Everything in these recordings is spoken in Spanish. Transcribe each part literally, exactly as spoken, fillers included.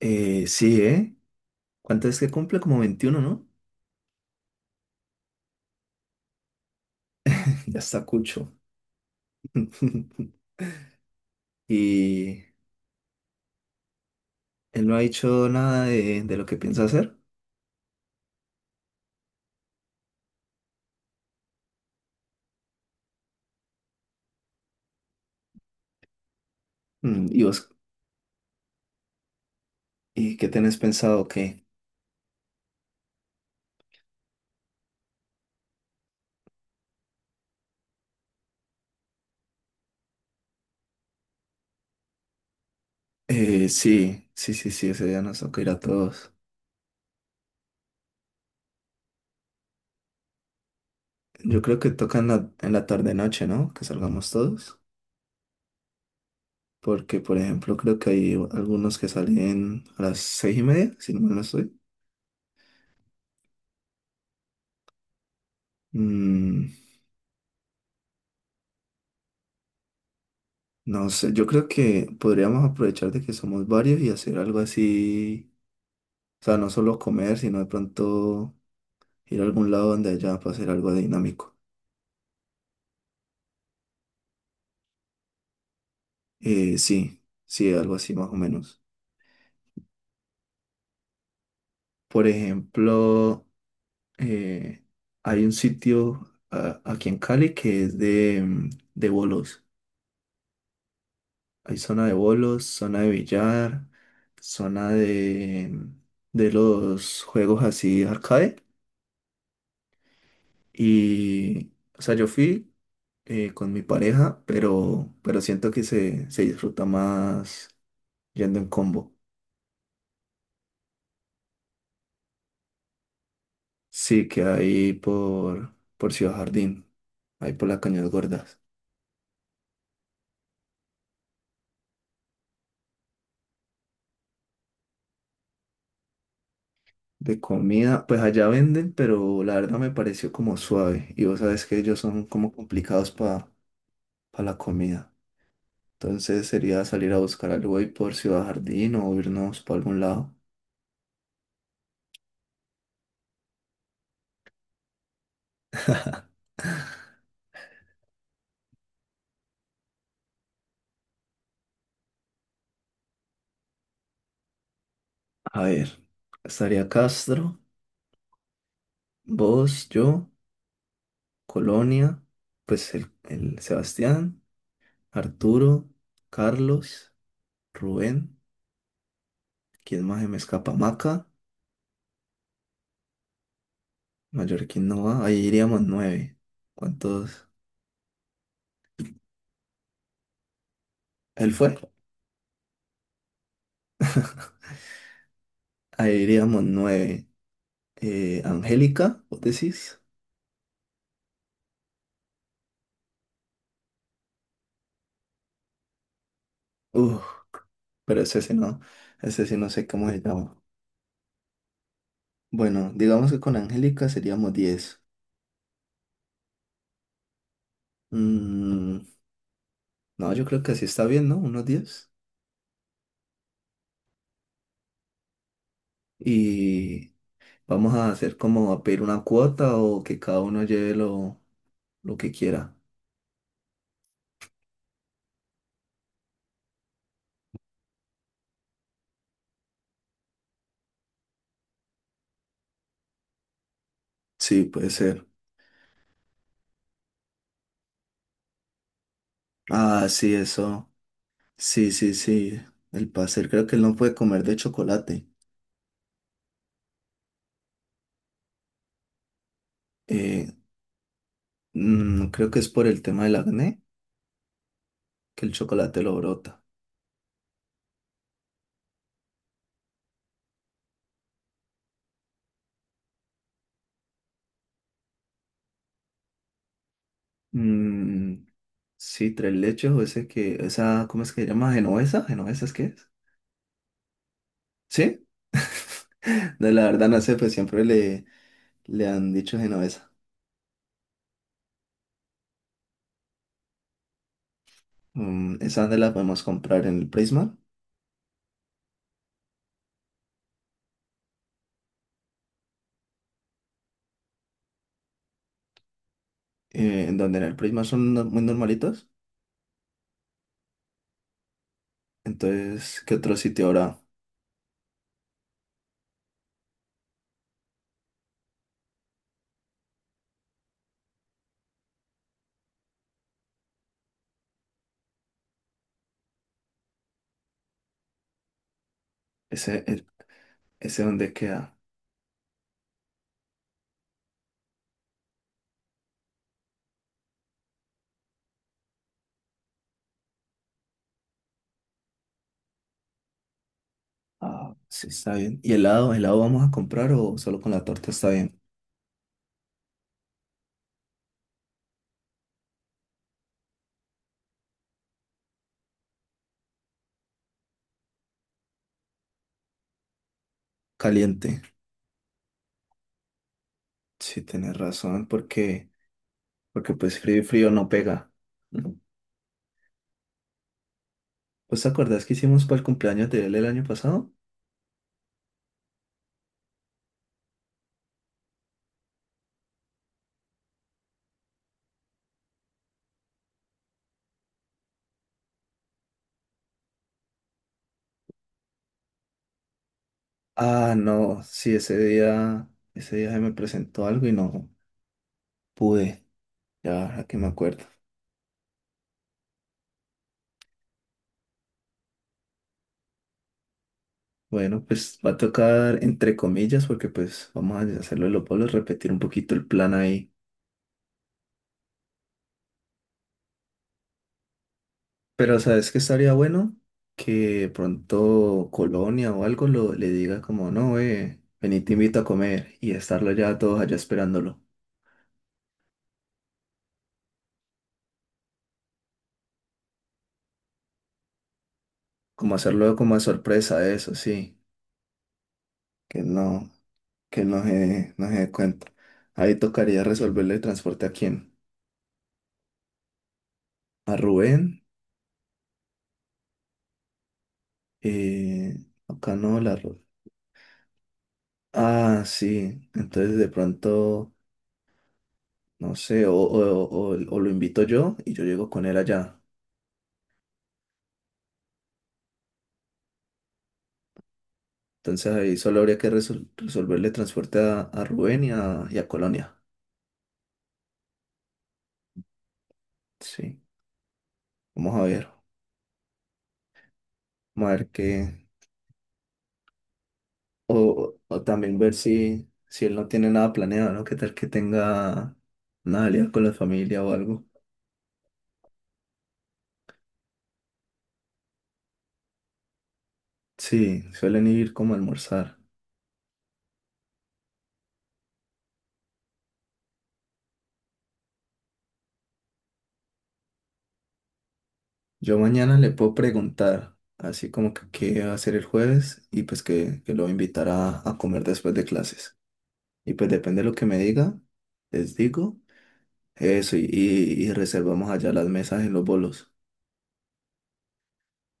Eh, sí, ¿eh? ¿Cuánto es que cumple? Como veintiuno, ¿no? Ya está cucho. Y él no ha dicho nada de, de lo que piensa hacer. Mm, ¿Y vos? ¿Y qué tenés pensado? ¿Qué? Eh, sí, sí, sí, sí, ese día nos toca ir a todos. Yo creo que toca en la, en la tarde-noche, ¿no? Que salgamos todos. Porque, por ejemplo, creo que hay algunos que salen a las seis y media, si no mal no estoy. Mm, no sé, yo creo que podríamos aprovechar de que somos varios y hacer algo así. O sea, no solo comer, sino de pronto ir a algún lado donde haya para hacer algo dinámico. Eh, sí, sí, algo así más o menos. Por ejemplo, eh, hay un sitio a- aquí en Cali que es de, mm, de bolos. Hay zona de bolos, zona de billar, zona de, mm, de los juegos así arcade. Y, o sea, yo fui eh, con mi pareja, pero, pero siento que se, se disfruta más yendo en combo. Sí, que ahí por, por Ciudad Jardín, ahí por las Cañas Gordas. De comida, pues allá venden, pero la verdad me pareció como suave. Y vos sabes que ellos son como complicados para la comida. Entonces sería salir a buscar algo ahí por Ciudad Jardín o irnos para algún lado. A ver, estaría Castro, vos, yo, Colonia, pues el, el Sebastián, Arturo, Carlos, Rubén, ¿quién más se me escapa? Maca. Mallorquín no va, ahí iríamos nueve. ¿Cuántos? Él fue. Ahí iríamos nueve. Eh, Angélica, ¿vos decís? Uf, pero ese sí no, ese sí no sé cómo se llama. Bueno, digamos que con Angélica seríamos diez. Mm, no, yo creo que así está bien, ¿no? Unos diez. Y vamos a hacer como a pedir una cuota o que cada uno lleve lo, lo que quiera. Sí, puede ser. Ah, sí, eso. Sí, sí, sí, el pastel, creo que él no puede comer de chocolate. Eh, mm, Creo que es por el tema del acné que el chocolate lo brota. Mm, sí, tres leches o ese que, esa, ¿cómo es que se llama? ¿Genovesa? ¿Genovesa es qué es? ¿Sí? De la verdad no sé, pues siempre le, le han dicho genovesa. Mm, esa de la podemos comprar en el Prisma, eh, en donde en el Prisma son no- muy normalitos. Entonces, ¿qué otro sitio habrá? Ese, el- ese donde queda. Ah, sí, está bien. ¿Y helado? ¿Helado vamos a comprar o solo con la torta está bien? Caliente. Sí, tienes razón, porque, porque pues frío y frío no pega. Ujú. ¿Pues te acuerdas que hicimos para el cumpleaños de él el año pasado? Ah, no, sí, ese día, ese día se me presentó algo y no pude. Ya, ahora que me acuerdo. Bueno, pues va a tocar entre comillas, porque pues vamos a hacerlo de los polos, repetir un poquito el plan ahí. Pero ¿sabes qué estaría bueno? Que pronto Colonia o algo lo, le diga como, no, eh, vení, te invito a comer y estarlo ya todos allá esperándolo. Como hacerlo como a sorpresa, eso sí, que no, que no se, no se dé cuenta. Ahí tocaría resolverle el transporte a quién, a Rubén, eh, acá no, la Ru- Ah, sí, entonces de pronto, no sé, o, o o- o- o lo invito yo y yo llego con él allá. Entonces ahí solo habría que resol- resolverle transporte a, a Rubén y a, y a Colonia. Sí, vamos a ver. Vamos a ver qué. O, o también ver si, si él no tiene nada planeado, ¿no? ¿Qué tal que tenga una alianza con la familia o algo? Sí, suelen ir como a almorzar. Yo mañana le puedo preguntar, así como que qué va a hacer el jueves y pues que, que lo voy a invitar a, a comer después de clases. Y pues depende de lo que me diga, les digo. Eso, y, y- y reservamos allá las mesas y los bolos.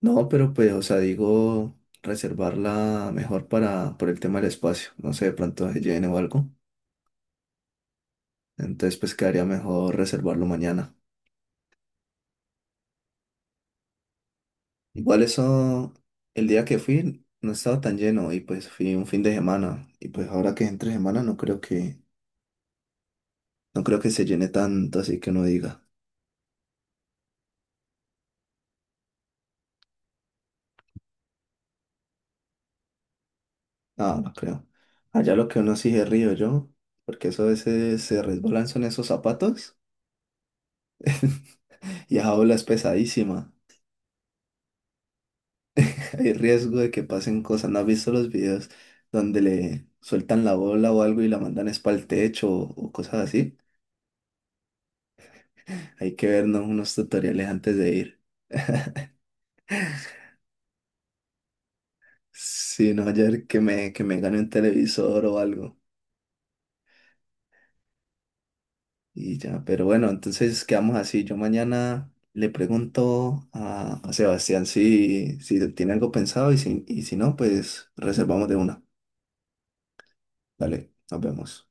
No, pero pues, o sea, digo, reservarla mejor para, por el tema del espacio. No sé, de pronto se llene o algo. Entonces, pues quedaría mejor reservarlo mañana. Igual eso, el día que fui no estaba tan lleno y pues fui un fin de semana. Y pues ahora que es entre semana no creo que, no creo que se llene tanto, así que uno diga. No, no creo. Allá lo que uno sí se río yo, porque eso a veces se resbalan son esos zapatos. Y esa ola es pesadísima. Hay riesgo de que pasen cosas. ¿No has visto los videos donde le sueltan la bola o algo y la mandan es para el techo o, o cosas así? Hay que vernos unos tutoriales antes de ir. Si no, ayer que me, que me gane un televisor o algo. Y ya, pero bueno, entonces quedamos así. Yo mañana le pregunto a, a Sebastián si, si tiene algo pensado y si, y si no, pues reservamos de una. Dale, nos vemos.